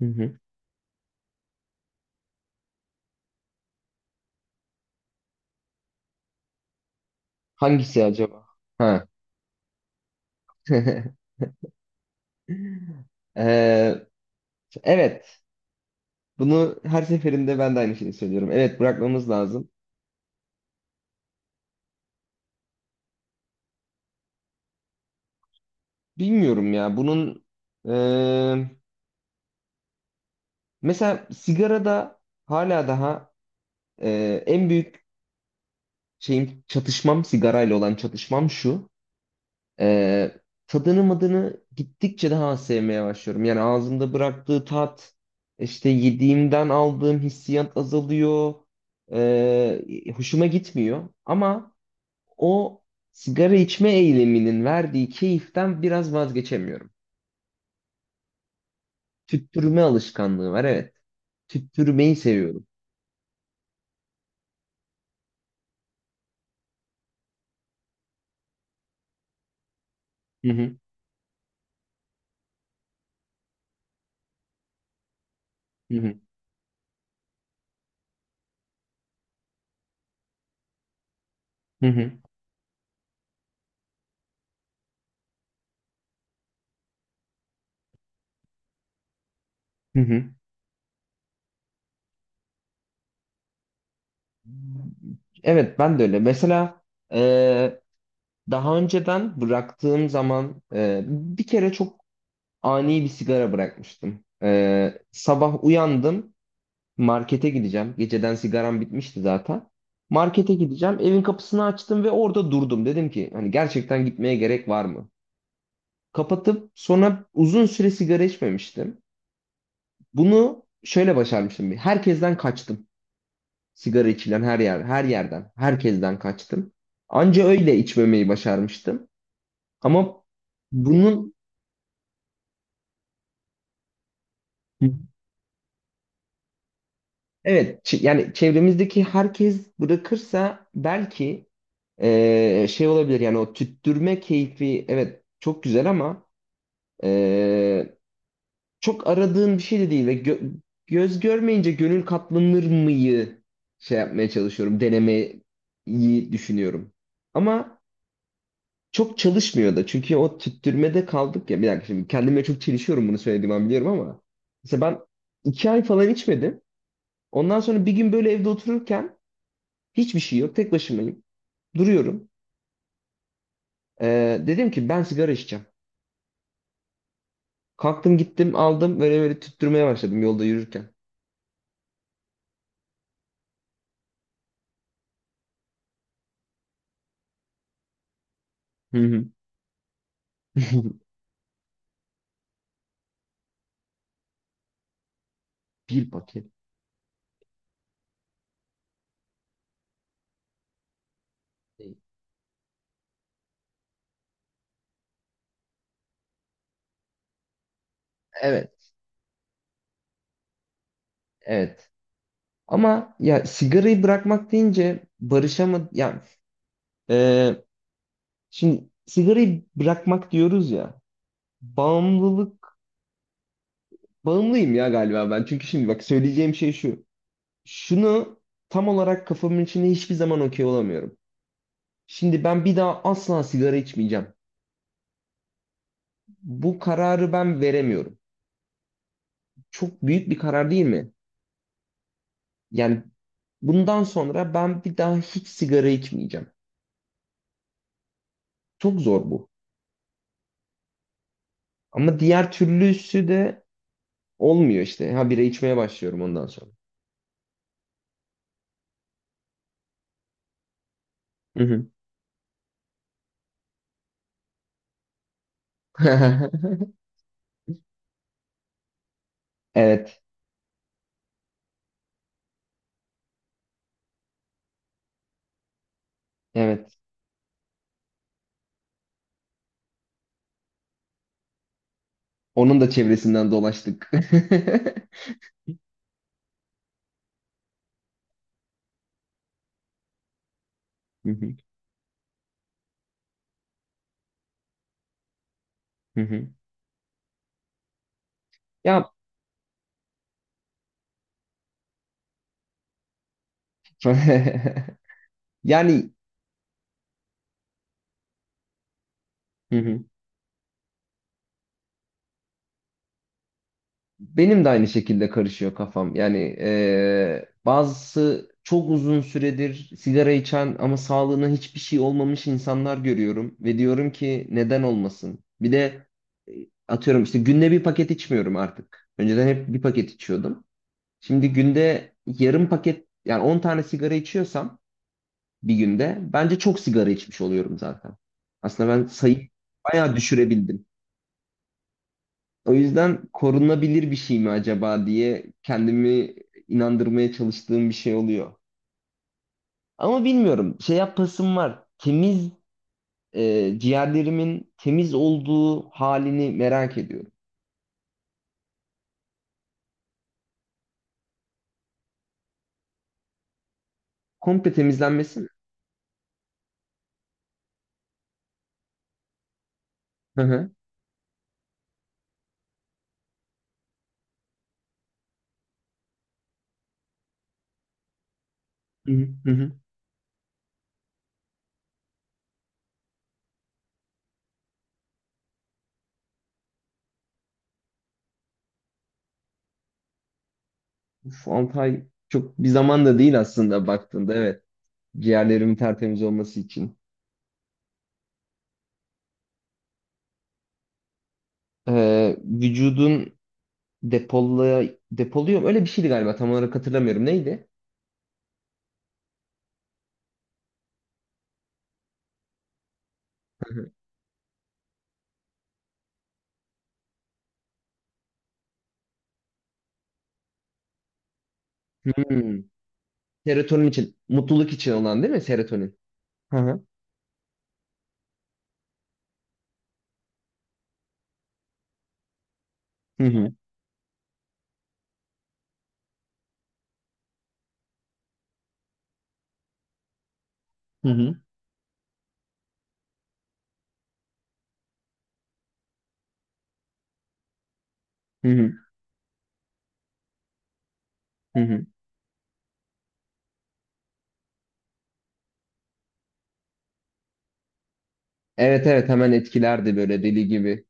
Hı hı. Hangisi acaba? Ha. Ee, evet, bunu her seferinde ben de aynı şeyi söylüyorum. Evet, bırakmamız lazım. Bilmiyorum ya, bunun e, mesela sigarada hala daha en büyük şeyim çatışmam sigarayla olan çatışmam şu. Ee, Tadını madını gittikçe daha sevmeye başlıyorum. Yani ağzımda bıraktığı tat, işte yediğimden aldığım hissiyat azalıyor. Ee, Hoşuma gitmiyor. Ama o sigara içme eyleminin verdiği keyiften biraz vazgeçemiyorum. Tüttürme alışkanlığı var, evet. Tüttürmeyi seviyorum. Hı hı, hı hı, hı hı, hı hı. Evet, ben de öyle. Mesela e, daha önceden bıraktığım zaman bir kere çok ani bir sigara bırakmıştım. Sabah uyandım. Markete gideceğim. Geceden sigaram bitmişti zaten. Markete gideceğim. Evin kapısını açtım ve orada durdum. Dedim ki hani gerçekten gitmeye gerek var mı? Kapatıp sonra uzun süre sigara içmemiştim. Bunu şöyle başarmıştım. Bir. Herkesten kaçtım. Sigara içilen her yer, her yerden, herkesten kaçtım. Anca öyle içmemeyi başarmıştım. Ama bunun. Evet, yani çevremizdeki herkes bırakırsa belki şey olabilir yani o tüttürme keyfi evet çok güzel ama eee, çok aradığın bir şey de değil ve göz görmeyince gönül katlanır mıyı şey yapmaya çalışıyorum denemeyi düşünüyorum. Ama çok çalışmıyor da çünkü o tüttürmede kaldık ya bir dakika şimdi kendime çok çelişiyorum bunu söylediğim an biliyorum ama mesela ben iki ay falan içmedim. Ondan sonra bir gün böyle evde otururken hiçbir şey yok. Tek başımayım. Duruyorum. Dedim ki ben sigara içeceğim. Kalktım gittim aldım böyle böyle tüttürmeye başladım yolda yürürken. Hı hı. Bir paket. Evet. Evet. Ama ya sigarayı bırakmak deyince barışamadım. Yani, e, şimdi sigarayı bırakmak diyoruz ya. Bağımlılık. Bağımlıyım ya galiba ben. Çünkü şimdi bak söyleyeceğim şey şu. Şunu tam olarak kafamın içine hiçbir zaman okey olamıyorum. Şimdi ben bir daha asla sigara içmeyeceğim. Bu kararı ben veremiyorum. Çok büyük bir karar değil mi? Yani bundan sonra ben bir daha hiç sigara içmeyeceğim. Çok zor bu. Ama diğer türlüsü de olmuyor işte. Ha bira içmeye başlıyorum ondan sonra. Hı hı. Evet, evet. Onun da çevresinden dolaştık. Hı hı, hı hı. Ya yani hı hı. Benim de aynı şekilde karışıyor kafam. Yani bazısı çok uzun süredir sigara içen ama sağlığına hiçbir şey olmamış insanlar görüyorum ve diyorum ki neden olmasın? Bir de e, atıyorum işte günde bir paket içmiyorum artık. Önceden hep bir paket içiyordum. Şimdi günde yarım paket yani 10 tane sigara içiyorsam bir günde bence çok sigara içmiş oluyorum zaten. Aslında ben sayıyı bayağı düşürebildim. O yüzden korunabilir bir şey mi acaba diye kendimi inandırmaya çalıştığım bir şey oluyor. Ama bilmiyorum. Şey yapasım var. Temiz ciğerlerimin temiz olduğu halini merak ediyorum. Komple temizlenmesi mi? Hı hı. Hı hı. Hı hı. Uf, 6 ay çok bir zaman da değil aslında baktığında. Evet. Ciğerlerimin tertemiz olması için. Vücudun depoluyor. Öyle bir şeydi galiba. Tam olarak hatırlamıyorum. Neydi? Hı. Serotonin için, mutluluk için olan değil mi serotonin? Hı hı. Hı hı. Hı hı. Hı hı. Hı hı. Evet evet hemen etkilerdi böyle deli gibi.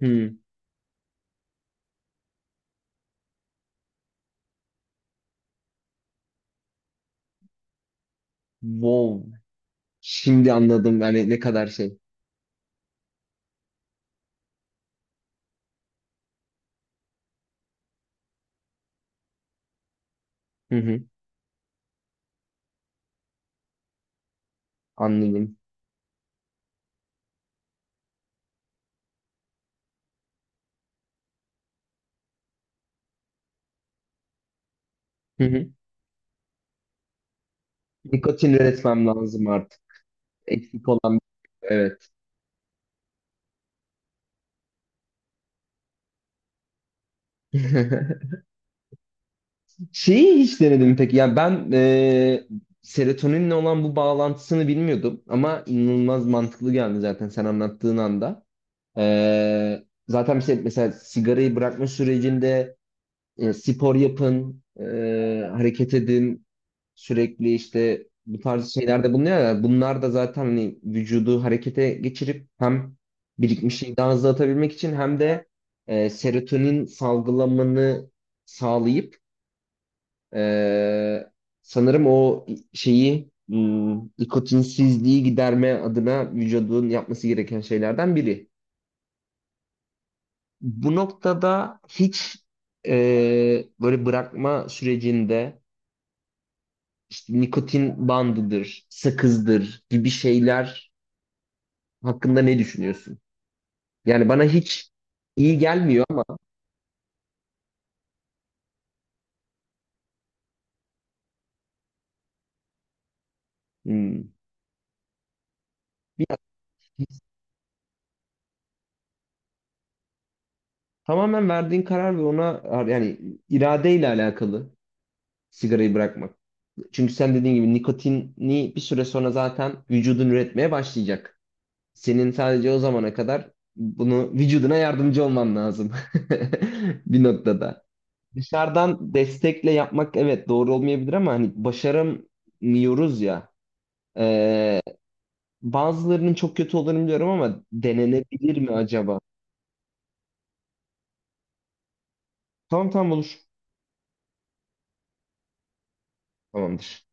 Hı. Wow. Şimdi anladım yani ne kadar şey. Hı hı. Anladım. Hı hı. Nikotin üretmem lazım artık. Eksik olan evet. Şeyi hiç denedim peki. Ya ben serotoninle olan bu bağlantısını bilmiyordum ama inanılmaz mantıklı geldi zaten sen anlattığın anda. Zaten işte mesela sigarayı bırakma sürecinde spor yapın, hareket edin, sürekli işte bu tarz şeylerde bulunuyorlar. Bunlar da zaten hani vücudu harekete geçirip hem birikmişliği daha hızlı atabilmek için hem de serotonin salgılamanı sağlayıp e, sanırım o şeyi nikotinsizliği giderme adına vücudun yapması gereken şeylerden biri. Bu noktada hiç böyle bırakma sürecinde işte nikotin bandıdır, sakızdır gibi şeyler hakkında ne düşünüyorsun? Yani bana hiç iyi gelmiyor ama hmm, bir- tamamen verdiğin karar ve ona yani iradeyle alakalı sigarayı bırakmak. Çünkü sen dediğin gibi nikotini bir süre sonra zaten vücudun üretmeye başlayacak. Senin sadece o zamana kadar bunu vücuduna yardımcı olman lazım bir noktada. Dışarıdan destekle yapmak evet doğru olmayabilir ama hani başaramıyoruz ya. Ee, Bazılarının çok kötü olduğunu biliyorum ama denenebilir mi acaba? Tamam tamam olur. Tamamdır.